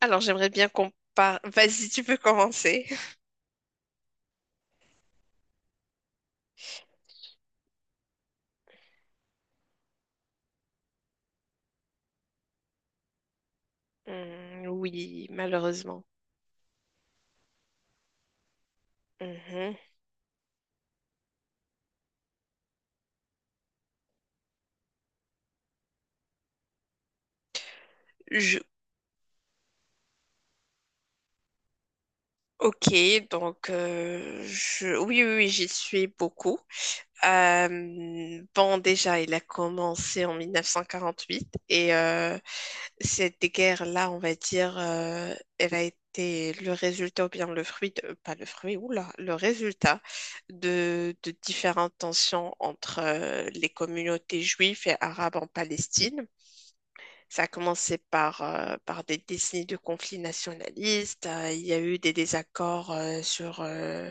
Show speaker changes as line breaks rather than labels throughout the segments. Alors, j'aimerais bien qu'on parle. Vas-y, tu peux commencer. Hmm, oui, malheureusement. Mhm. Je... Ok, donc je... oui, oui, oui, j'y suis beaucoup. Bon, déjà, il a commencé en 1948 et cette guerre-là, on va dire, elle a été le résultat ou bien le fruit, de- pas le fruit, oula, le résultat de différentes tensions entre les communautés juives et arabes en Palestine. Ça a commencé par des décennies de conflits nationalistes. Il y a eu des désaccords sur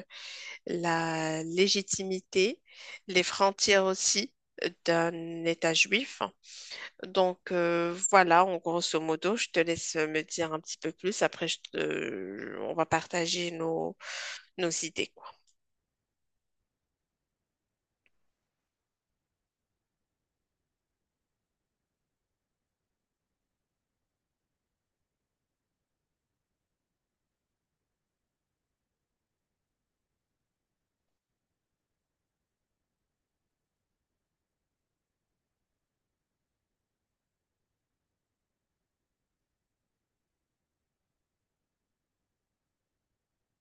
la légitimité, les frontières aussi d'un État juif. Donc voilà, en grosso modo, je te laisse me dire un petit peu plus. Après, on va partager nos idées, quoi.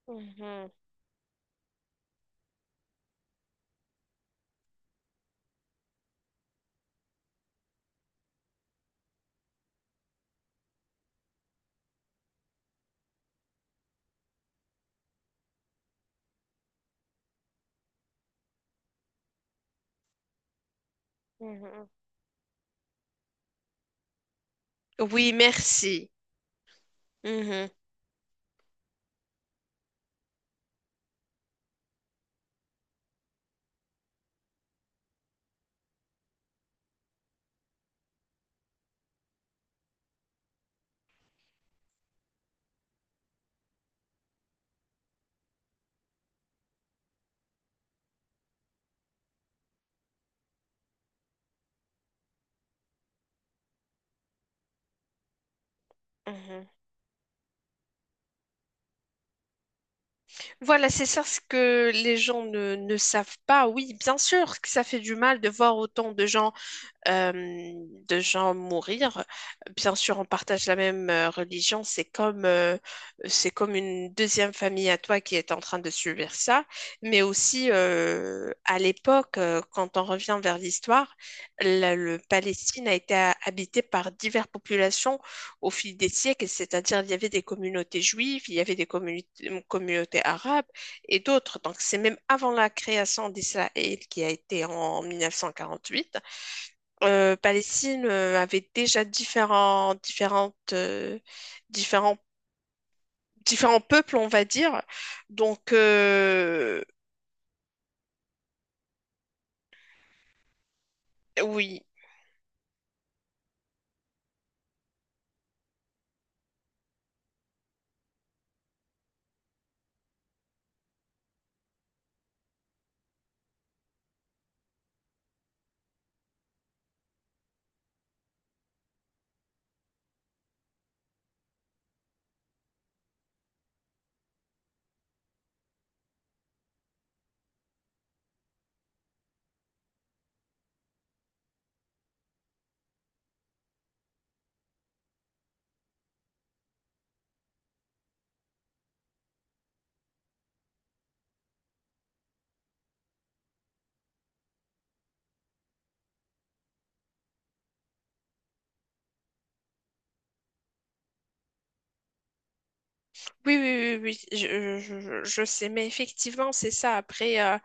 Mhm, mhm. Oui, merci. Mhm, mhm. Voilà, c'est ça ce que les gens ne savent pas. Oui, bien sûr que ça fait du mal de voir autant de gens euh, mourir. Bien sûr, on partage la même religion, c'est comme une deuxième famille à toi qui est en train de subir ça, mais aussi à l'époque, quand on revient vers l'histoire, le Palestine a été habité par diverses populations au fil des siècles, c'est-à-dire il y avait des communautés juives, il y avait des communautés arabes et d'autres. Donc c'est même avant la création d'Israël qui a été en 1948. Palestine avait déjà différents, différents peuples, on va dire. Donc, oui. Oui, oui, oui, oui, oui. Je je- sais, mais effectivement, c'est ça.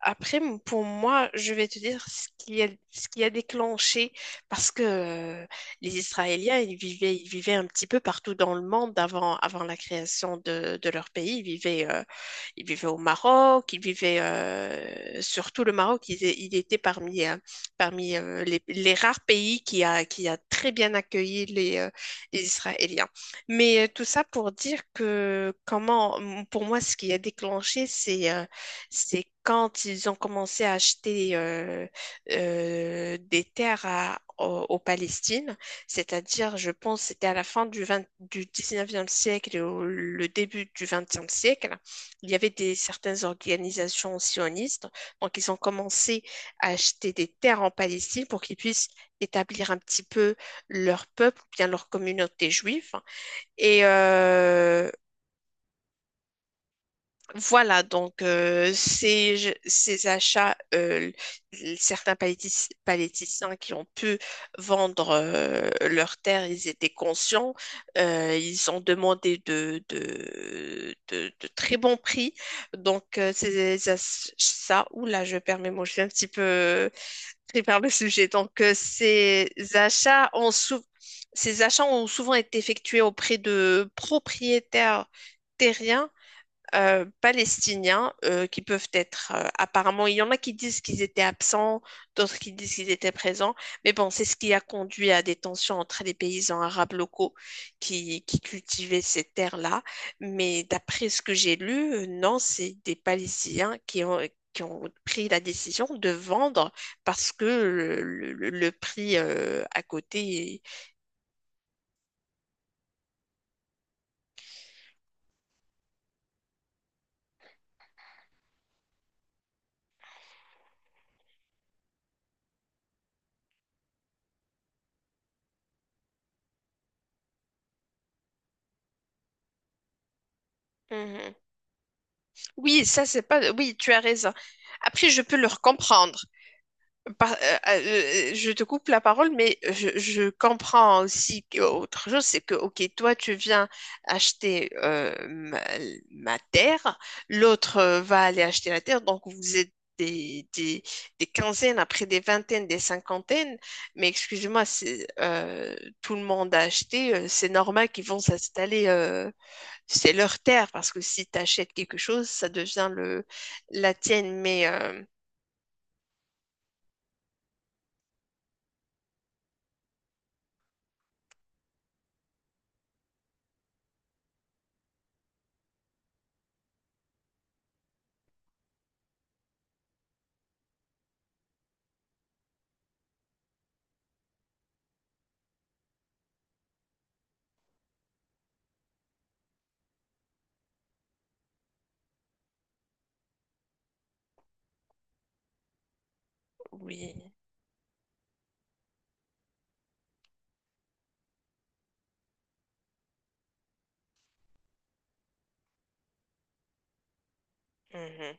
Après, pour moi, je vais te dire ce qui a déclenché, parce que les Israéliens, ils vivaient un petit peu partout dans le monde avant la création de leur pays. Ils vivaient au Maroc, ils vivaient surtout le Maroc, il était parmi les rares pays qui a très bien accueilli les Israéliens. Mais tout ça pour dire que comment, pour moi, ce qui a déclenché, c'est quand ils ont commencé à acheter des terres au Palestine, c'est-à-dire, je pense, c'était à la fin du 19e siècle et le début du vingtième siècle. Il y avait certaines organisations sionistes, donc ils ont commencé à acheter des terres en Palestine pour qu'ils puissent établir un petit peu leur peuple, ou bien leur communauté juive. Et ces achats, certains paléticiens qui ont pu vendre leurs terres, ils étaient conscients, ils ont demandé de très bons prix. Donc ces achats, oula, je permets, moi je suis un petit peu pris par le sujet. Donc achats ont sou- ces achats ont souvent été effectués auprès de propriétaires terriens palestiniens qui peuvent être apparemment, il y en a qui disent qu'ils étaient absents, d'autres qui disent qu'ils étaient présents, mais bon, c'est ce qui a conduit à des tensions entre les paysans arabes locaux qui cultivaient ces terres-là. Mais d'après ce que j'ai lu, non, c'est des Palestiniens qui ont pris la décision de vendre parce que le prix à côté. Mhm. Oui, ça c'est pas. Oui, tu as raison. Après, je peux leur comprendre. Je te coupe la parole, mais je comprends aussi autre chose, c'est que, ok, toi, tu viens acheter ma terre, l'autre va aller acheter la terre, donc vous êtes des, des, des quinzaines, après des vingtaines, des cinquantaines, mais excusez-moi, tout le monde a acheté, c'est normal qu'ils vont s'installer, c'est leur terre, parce que si tu achètes quelque chose, ça devient la tienne, mais oui. Mhm.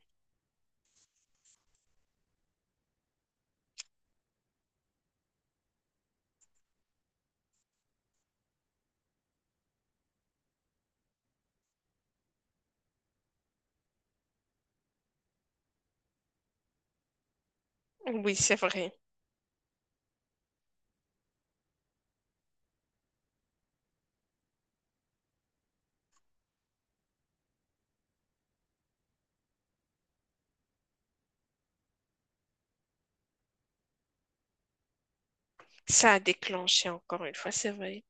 Oui, c'est vrai. Ça a déclenché encore une fois, c'est vrai.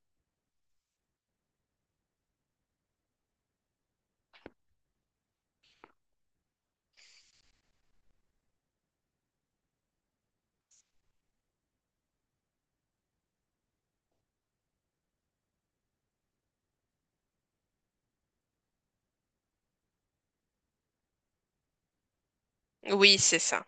Oui, c'est ça.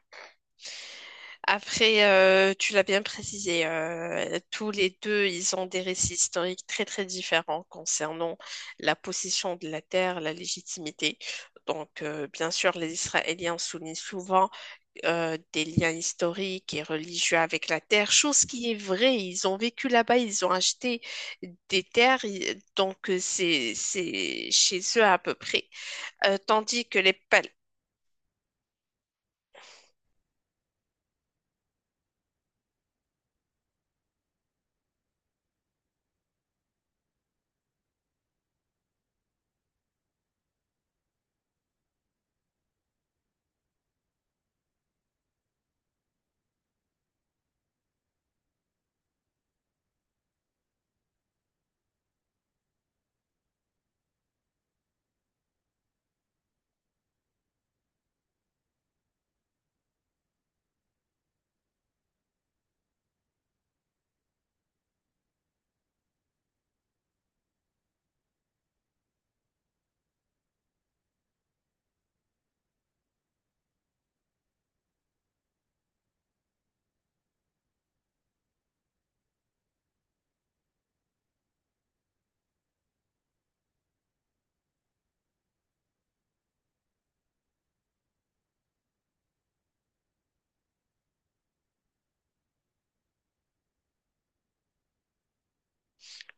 Après, tu l'as bien précisé, tous les deux, ils ont des récits historiques très très différents concernant la possession de la terre, la légitimité. Donc, bien sûr, les Israéliens soulignent souvent des liens historiques et religieux avec la terre, chose qui est vraie. Ils ont vécu là-bas, ils ont acheté des terres, donc c'est chez eux à peu près. Tandis que les pal...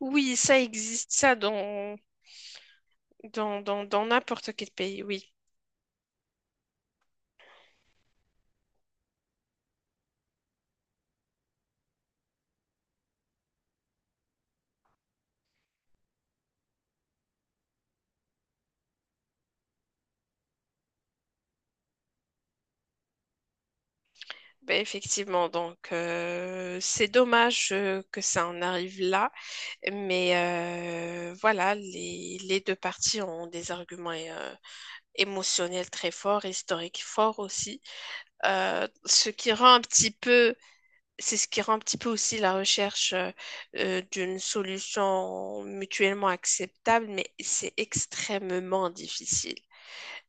Oui, ça existe, ça, dans n'importe quel pays, oui. Ben, effectivement, donc c'est dommage que ça en arrive là, mais voilà, les deux parties ont des arguments émotionnels très forts, historiques forts aussi. Ce qui rend un petit peu, C'est ce qui rend un petit peu aussi la recherche d'une solution mutuellement acceptable, mais c'est extrêmement difficile.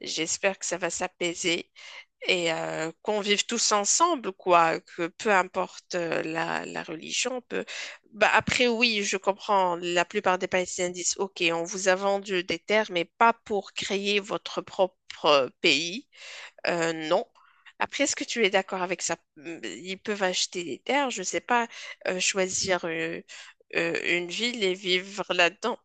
J'espère que ça va s'apaiser et qu'on vive tous ensemble, quoi, que peu importe la religion, peu... Bah, après, oui, je comprends, la plupart des Palestiniens disent, OK, on vous a vendu des terres, mais pas pour créer votre propre pays. Non. Après, est-ce que tu es d'accord avec ça? Ils peuvent acheter des terres, je sais pas, choisir une ville et vivre là-dedans.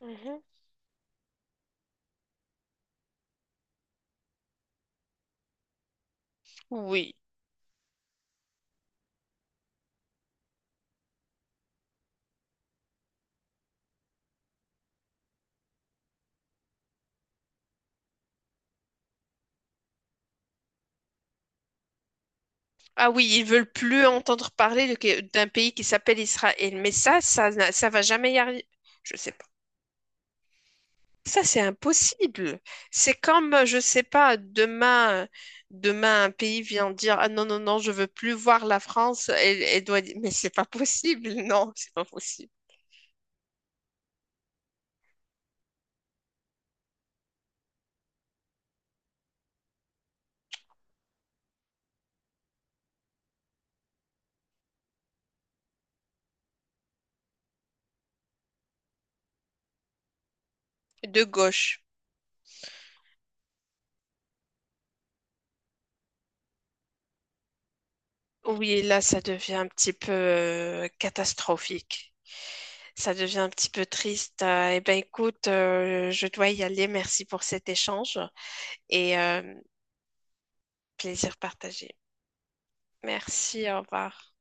Mhm. Oui. Ah oui, ils veulent plus entendre parler d'un pays qui s'appelle Israël. Mais ça va jamais y arriver. Je sais pas. Ça, c'est impossible. C'est comme, je sais pas, demain, un pays vient dire, ah non, non, non, je veux plus voir la France. Elle doit dire, mais c'est pas possible. Non, c'est pas possible. De gauche. Oui, là, ça devient un petit peu catastrophique. Ça devient un petit peu triste. Eh bien, écoute, je dois y aller. Merci pour cet échange et plaisir partagé. Merci, au revoir.